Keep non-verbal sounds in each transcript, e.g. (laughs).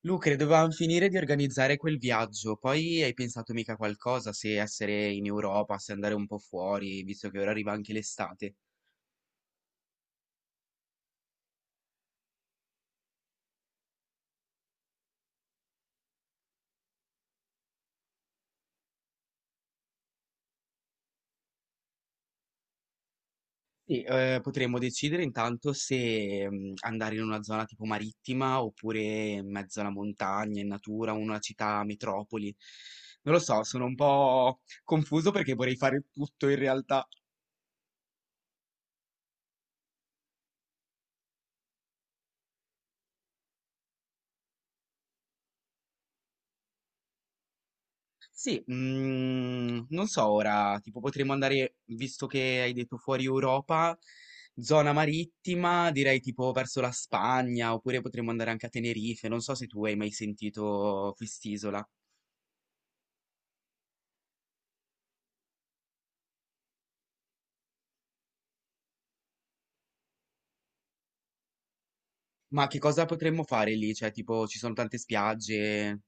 Lucre, dovevamo finire di organizzare quel viaggio, poi hai pensato mica qualcosa se essere in Europa, se andare un po' fuori, visto che ora arriva anche l'estate. Potremmo decidere intanto se andare in una zona tipo marittima oppure in mezzo alla montagna, in natura, una città metropoli. Non lo so, sono un po' confuso perché vorrei fare tutto in realtà. Sì, non so ora, tipo potremmo andare, visto che hai detto fuori Europa, zona marittima, direi tipo verso la Spagna, oppure potremmo andare anche a Tenerife, non so se tu hai mai sentito quest'isola. Ma che cosa potremmo fare lì? Cioè, tipo, ci sono tante spiagge.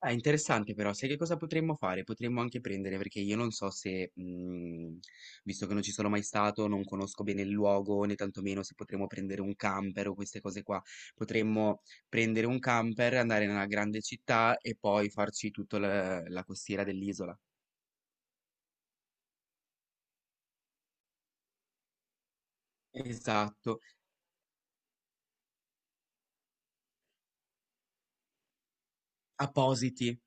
Ah, interessante però, sai che cosa potremmo fare? Potremmo anche prendere, perché io non so se, visto che non ci sono mai stato, non conosco bene il luogo, né tantomeno se potremmo prendere un camper o queste cose qua. Potremmo prendere un camper, andare nella grande città e poi farci tutta la costiera dell'isola. Esatto, appositi.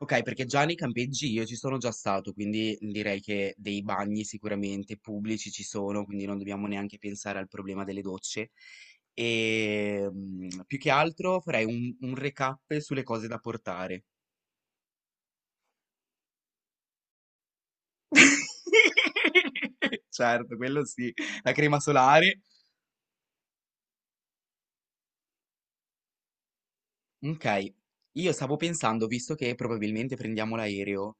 Ok, perché già nei campeggi io ci sono già stato, quindi direi che dei bagni sicuramente pubblici ci sono, quindi non dobbiamo neanche pensare al problema delle docce. E più che altro farei un recap sulle cose da portare. (laughs) Certo, quello sì, la crema solare. Ok, io stavo pensando, visto che probabilmente prendiamo l'aereo.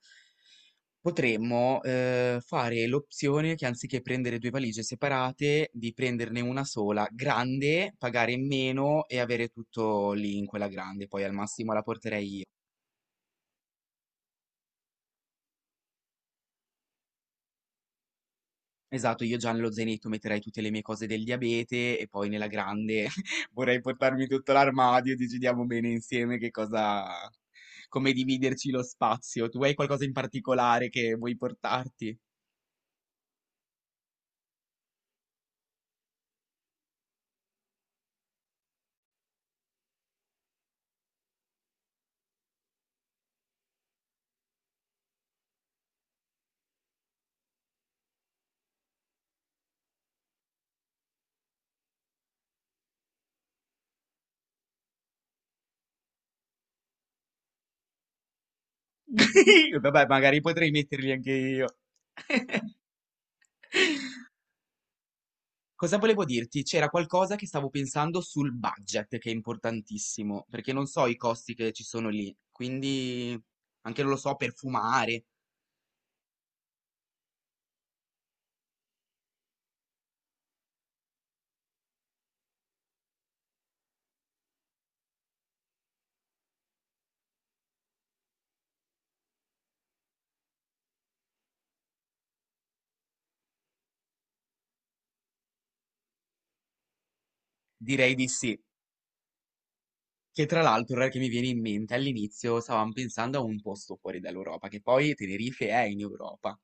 Potremmo, fare l'opzione che anziché prendere 2 valigie separate, di prenderne una sola grande, pagare meno e avere tutto lì in quella grande, poi al massimo la porterei io. Esatto, io già nello zainetto metterei tutte le mie cose del diabete e poi nella grande (laughs) vorrei portarmi tutto l'armadio, decidiamo bene insieme che cosa come dividerci lo spazio. Tu hai qualcosa in particolare che vuoi portarti? (laughs) Mm. Vabbè, magari potrei metterli anche io. Cosa volevo dirti? C'era qualcosa che stavo pensando sul budget, che è importantissimo, perché non so i costi che ci sono lì, quindi anche non lo so, per fumare, direi di sì. Che tra l'altro, ora che mi viene in mente, all'inizio stavamo pensando a un posto fuori dall'Europa, che poi Tenerife è in Europa.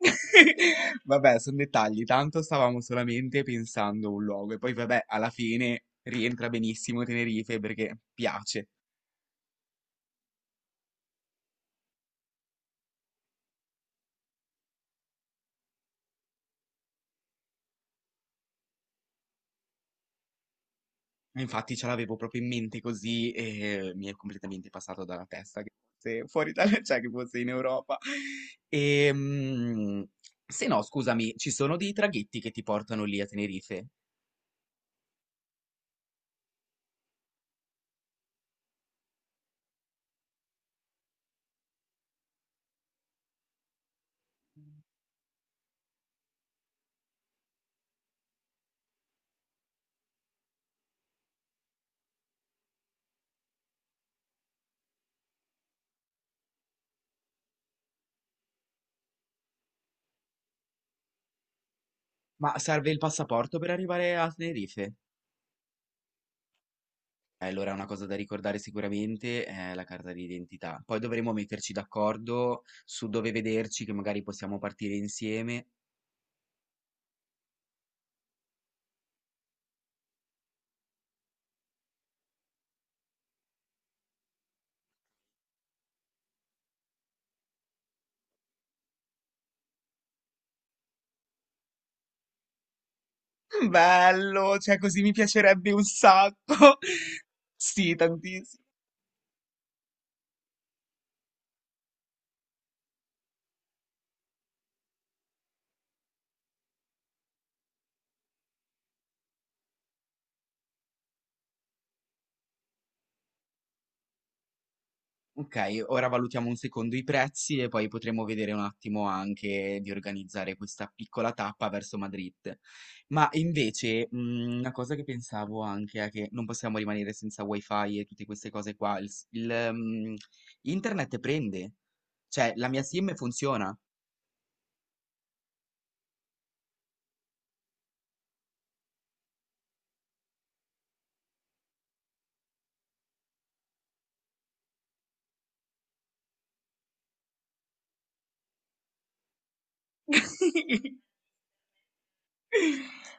(laughs) Vabbè, sono dettagli, tanto stavamo solamente pensando a un luogo e poi vabbè, alla fine rientra benissimo Tenerife perché piace. Infatti ce l'avevo proprio in mente così e mi è completamente passato dalla testa che fosse fuori dalla, (laughs) cioè che fosse in Europa. E, se no, scusami, ci sono dei traghetti che ti portano lì a Tenerife, ma serve il passaporto per arrivare a Tenerife? Allora, una cosa da ricordare sicuramente è la carta d'identità. Poi dovremo metterci d'accordo su dove vederci, che magari possiamo partire insieme. Bello, cioè così mi piacerebbe un sacco. (laughs) Sì, tantissimo. Ok, ora valutiamo un secondo i prezzi e poi potremo vedere un attimo anche di organizzare questa piccola tappa verso Madrid. Ma invece, una cosa che pensavo anche è che non possiamo rimanere senza wifi e tutte queste cose qua. Internet prende, cioè la mia SIM funziona. (laughs)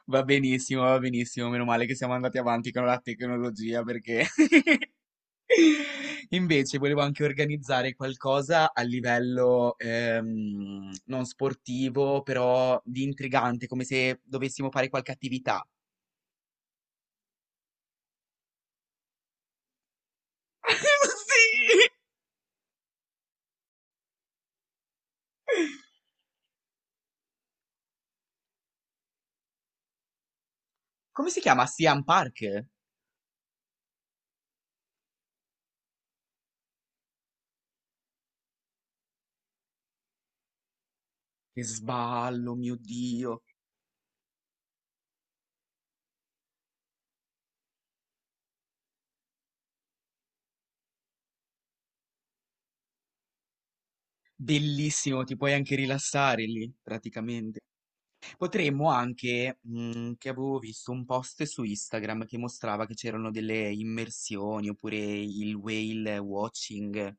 Va benissimo, meno male che siamo andati avanti con la tecnologia perché (laughs) Invece volevo anche organizzare qualcosa a livello non sportivo, però di intrigante, come se dovessimo fare qualche attività. (laughs) Sì! Come si chiama? Siam Park? Che sballo, mio Dio. Bellissimo, ti puoi anche rilassare lì, praticamente. Potremmo anche, che avevo visto un post su Instagram che mostrava che c'erano delle immersioni oppure il whale watching.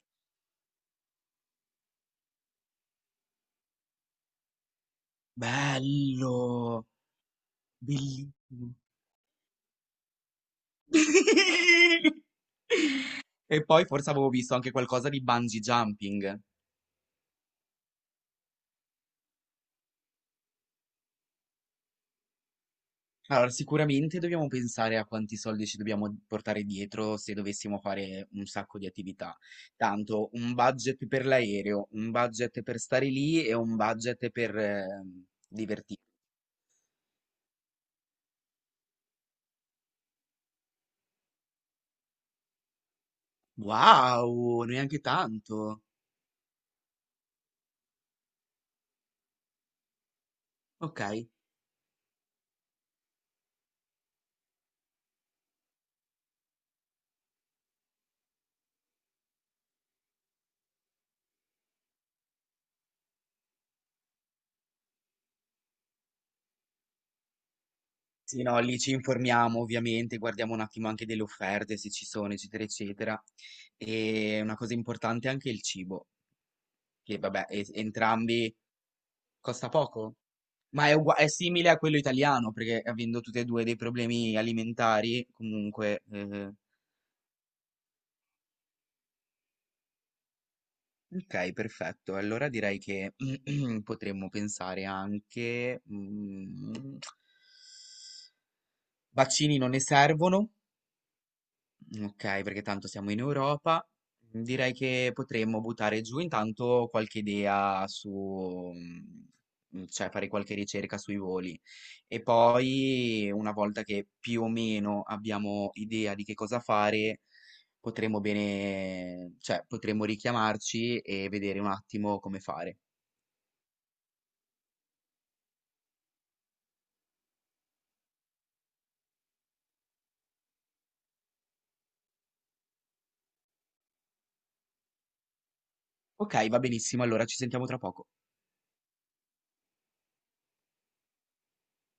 Bello, bellissimo. (laughs) E poi forse avevo visto anche qualcosa di bungee jumping. Allora, sicuramente dobbiamo pensare a quanti soldi ci dobbiamo portare dietro se dovessimo fare un sacco di attività. Tanto un budget per l'aereo, un budget per stare lì e un budget per divertirsi. Wow, neanche tanto. Ok. Sì, no, lì ci informiamo ovviamente, guardiamo un attimo anche delle offerte, se ci sono, eccetera, eccetera. E una cosa importante è anche il cibo, che vabbè, e- entrambi costa poco, ma è, ugua- è simile a quello italiano, perché avendo tutti e due dei problemi alimentari, comunque... ok, perfetto. Allora direi che (clears throat) potremmo pensare anche... vaccini non ne servono. Ok, perché tanto siamo in Europa. Mhmm, direi che potremmo buttare giù intanto qualche idea su, cioè fare qualche ricerca sui voli. E poi, una volta che più o meno abbiamo idea di che cosa fare, potremmo bene, cioè potremmo richiamarci e vedere un attimo come fare. Ok, va benissimo, allora ci sentiamo tra poco.